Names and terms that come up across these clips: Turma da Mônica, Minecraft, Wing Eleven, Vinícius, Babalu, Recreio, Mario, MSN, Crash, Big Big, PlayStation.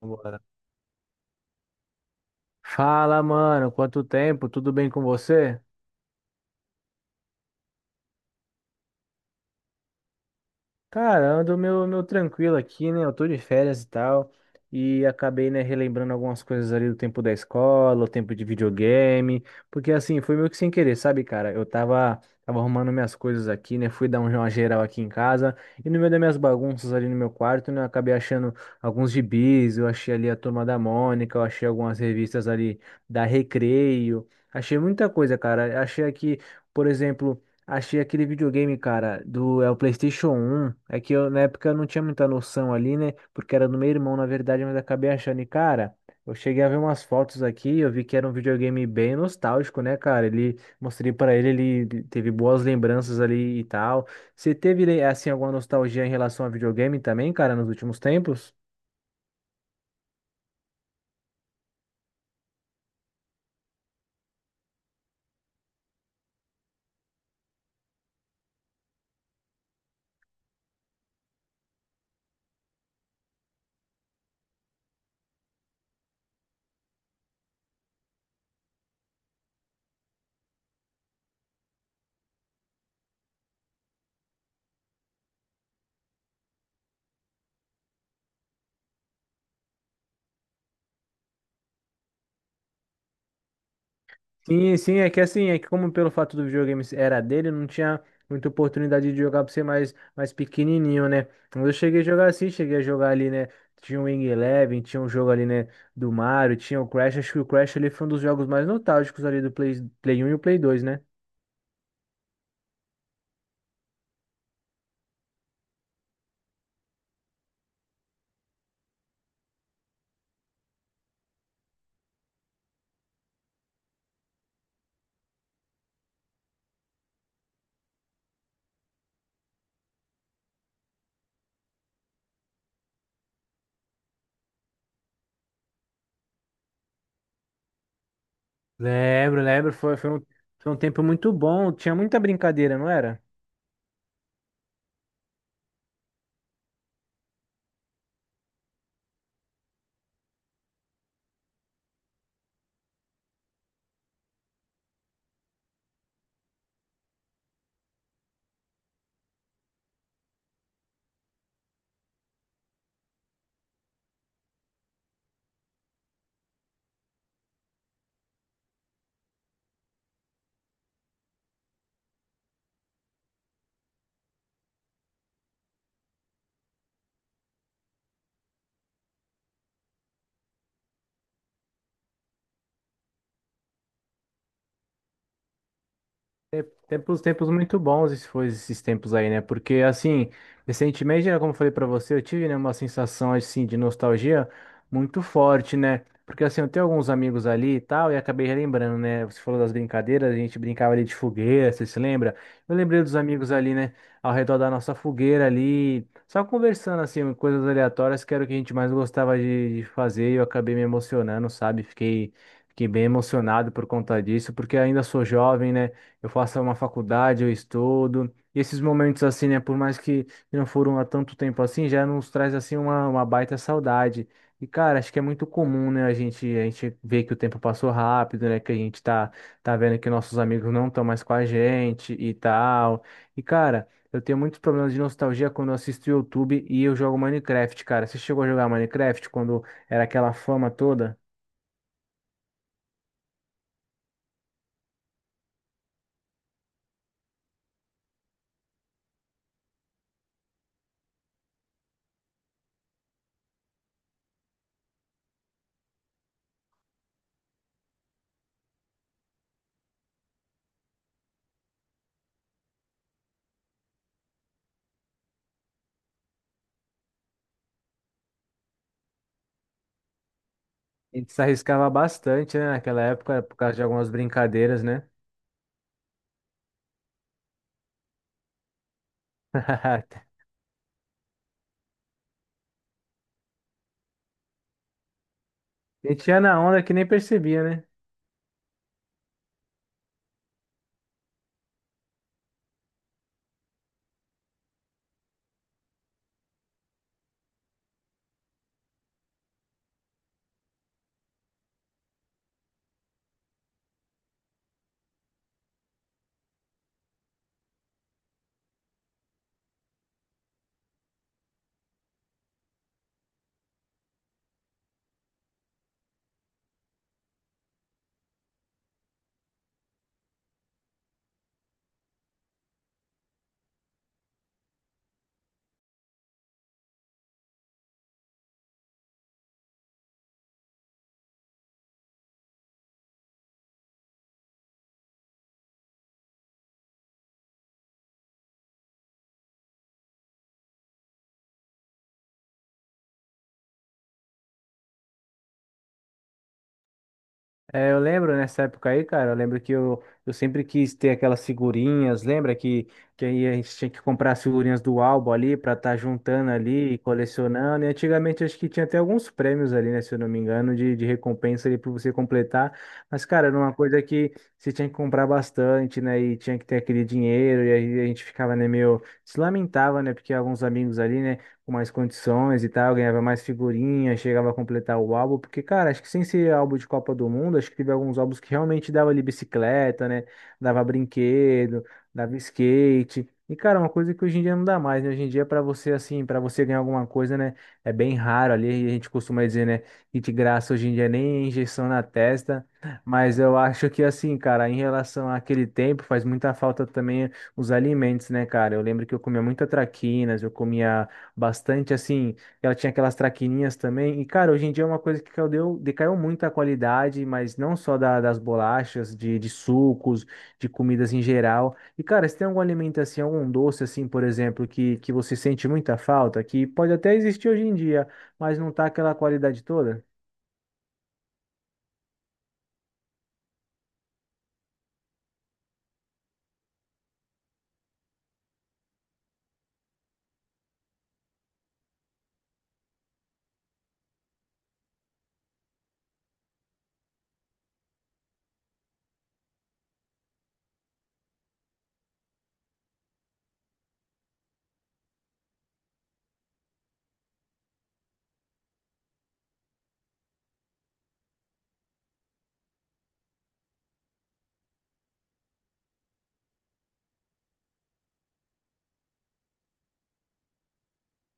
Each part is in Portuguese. Vambora. Fala, mano, quanto tempo? Tudo bem com você? Cara, ando meu tranquilo aqui, né? Eu tô de férias e tal. E acabei, né, relembrando algumas coisas ali do tempo da escola, o tempo de videogame. Porque assim, foi meio que sem querer, sabe, cara? Eu tava arrumando minhas coisas aqui, né? Fui dar uma geral aqui em casa. E no meio das minhas bagunças ali no meu quarto, né? Eu acabei achando alguns gibis, eu achei ali a Turma da Mônica, eu achei algumas revistas ali da Recreio. Achei muita coisa, cara. Achei aqui, por exemplo. Achei aquele videogame, cara, do é o PlayStation 1. É que eu, na época eu não tinha muita noção ali, né? Porque era do meu irmão, na verdade, mas acabei achando. E, cara, eu cheguei a ver umas fotos aqui, eu vi que era um videogame bem nostálgico, né, cara? Ele mostrei pra ele, ele teve boas lembranças ali e tal. Você teve, assim, alguma nostalgia em relação a videogame também, cara, nos últimos tempos? Sim, sim, é que assim, é que como pelo fato do videogame era dele, não tinha muita oportunidade de jogar por ser mais pequenininho, né? Quando eu cheguei a jogar assim, cheguei a jogar ali, né? Tinha o Wing Eleven, tinha um jogo ali, né? Do Mario, tinha o Crash. Acho que o Crash ali foi um dos jogos mais nostálgicos ali do Play um e o Play 2, né? Lembro, lembro, foi um tempo muito bom, tinha muita brincadeira, não era? Tempos, tempos muito bons esses foi esses tempos aí, né? Porque assim, recentemente, né, como eu falei pra você, eu tive, né, uma sensação assim de nostalgia muito forte, né? Porque assim, eu tenho alguns amigos ali e tal, e acabei relembrando, né? Você falou das brincadeiras, a gente brincava ali de fogueira, você se lembra? Eu lembrei dos amigos ali, né, ao redor da nossa fogueira ali, só conversando assim, coisas aleatórias, que era o que a gente mais gostava de fazer, e eu acabei me emocionando, sabe? Fiquei bem emocionado por conta disso, porque ainda sou jovem, né? Eu faço uma faculdade, eu estudo. E esses momentos assim, né, por mais que não foram há tanto tempo assim, já nos traz assim uma baita saudade. E cara, acho que é muito comum, né, a gente ver que o tempo passou rápido, né, que a gente tá vendo que nossos amigos não estão mais com a gente e tal. E cara, eu tenho muitos problemas de nostalgia quando eu assisto YouTube e eu jogo Minecraft, cara. Você chegou a jogar Minecraft quando era aquela fama toda? A gente se arriscava bastante, né, naquela época, por causa de algumas brincadeiras, né? E tinha na onda que nem percebia, né? É, eu lembro nessa época aí, cara, eu lembro que eu sempre quis ter aquelas figurinhas, lembra que, aí a gente tinha que comprar as figurinhas do álbum ali pra estar juntando ali, e colecionando. E antigamente acho que tinha até alguns prêmios ali, né, se eu não me engano, de recompensa ali pra você completar. Mas, cara, era uma coisa que você tinha que comprar bastante, né? E tinha que ter aquele dinheiro, e aí a gente ficava, né, meio se lamentava, né? Porque alguns amigos ali, né, com mais condições e tal, ganhava mais figurinhas, chegava a completar o álbum, porque, cara, acho que sem ser álbum de Copa do Mundo, acho que teve alguns álbuns que realmente dava ali bicicleta, né? Dava brinquedo, dava skate. E, cara, uma coisa que hoje em dia não dá mais, né? Hoje em dia, pra você, assim, pra você ganhar alguma coisa, né? É bem raro ali, a gente costuma dizer, né? Que de graça hoje em dia nem injeção na testa. Mas eu acho que, assim, cara, em relação àquele tempo, faz muita falta também os alimentos, né, cara? Eu lembro que eu comia muita traquinas, eu comia bastante assim, ela tinha aquelas traquininhas também. E cara, hoje em dia é uma coisa que caiu, decaiu muito a qualidade, mas não só das bolachas, de sucos, de comidas em geral. E cara, se tem alguma alimentação, algum doce assim, por exemplo, que você sente muita falta, que pode até existir hoje em dia, mas não tá aquela qualidade toda?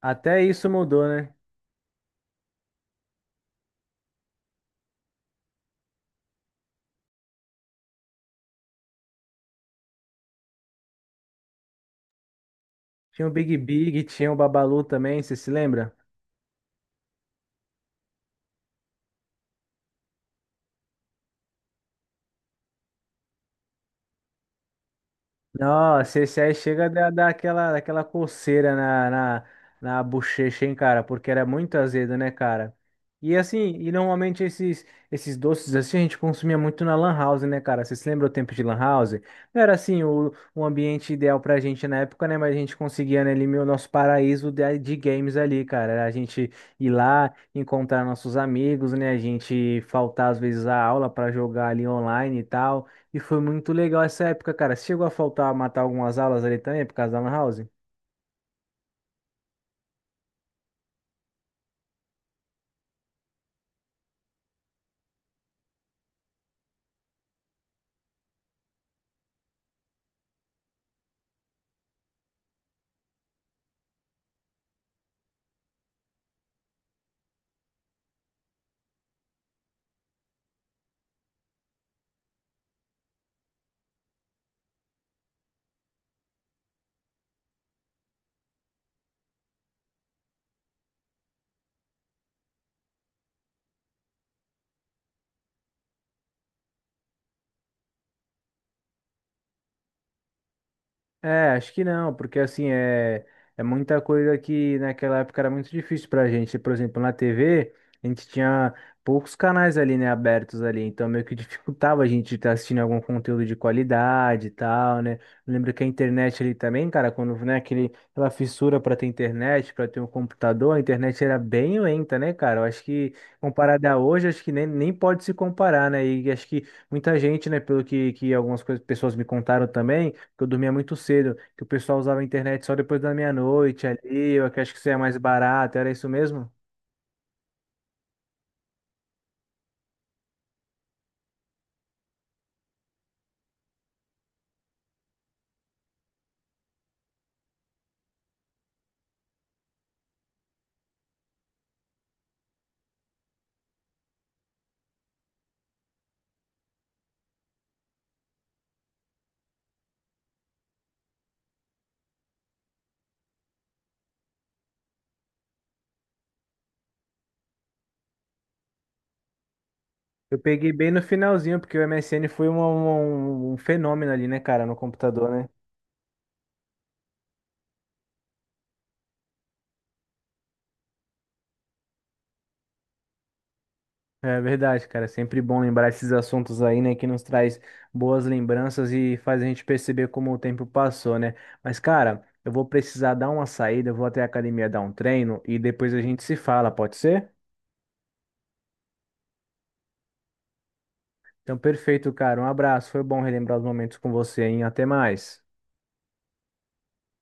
Até isso mudou, né? Tinha o Big Big, tinha o Babalu também, você se lembra? Nossa, esse aí chega a dar aquela coceira na bochecha, hein, cara? Porque era muito azedo, né, cara? E assim, e normalmente esses doces assim a gente consumia muito na Lan House, né, cara? Vocês lembram o tempo de Lan House? Não era assim o ambiente ideal pra gente na época, né? Mas a gente conseguia, né, ali, o nosso paraíso de games ali, cara. Era a gente ir lá, encontrar nossos amigos, né? A gente faltar às vezes a aula pra jogar ali online e tal. E foi muito legal essa época, cara. Você chegou a faltar matar algumas aulas ali também por causa da Lan House? É, acho que não, porque assim é muita coisa que naquela época era muito difícil pra gente. Por exemplo, na TV, a gente tinha poucos canais ali, né, abertos ali, então meio que dificultava a gente estar assistindo algum conteúdo de qualidade e tal, né? Eu lembro que a internet ali também, cara, quando, né, aquele, aquela fissura pra ter internet, pra ter um computador, a internet era bem lenta, né, cara? Eu acho que comparada a hoje, acho que nem pode se comparar, né? E acho que muita gente, né, pelo que algumas pessoas me contaram também que eu dormia muito cedo, que o pessoal usava a internet só depois da meia-noite ali, eu que acho que isso é mais barato, era isso mesmo? Eu peguei bem no finalzinho, porque o MSN foi um fenômeno ali, né, cara, no computador, né? É verdade, cara, é sempre bom lembrar esses assuntos aí, né, que nos traz boas lembranças e faz a gente perceber como o tempo passou, né? Mas, cara, eu vou precisar dar uma saída, eu vou até a academia dar um treino e depois a gente se fala, pode ser? Então, perfeito, cara. Um abraço. Foi bom relembrar os momentos com você, hein? Até mais.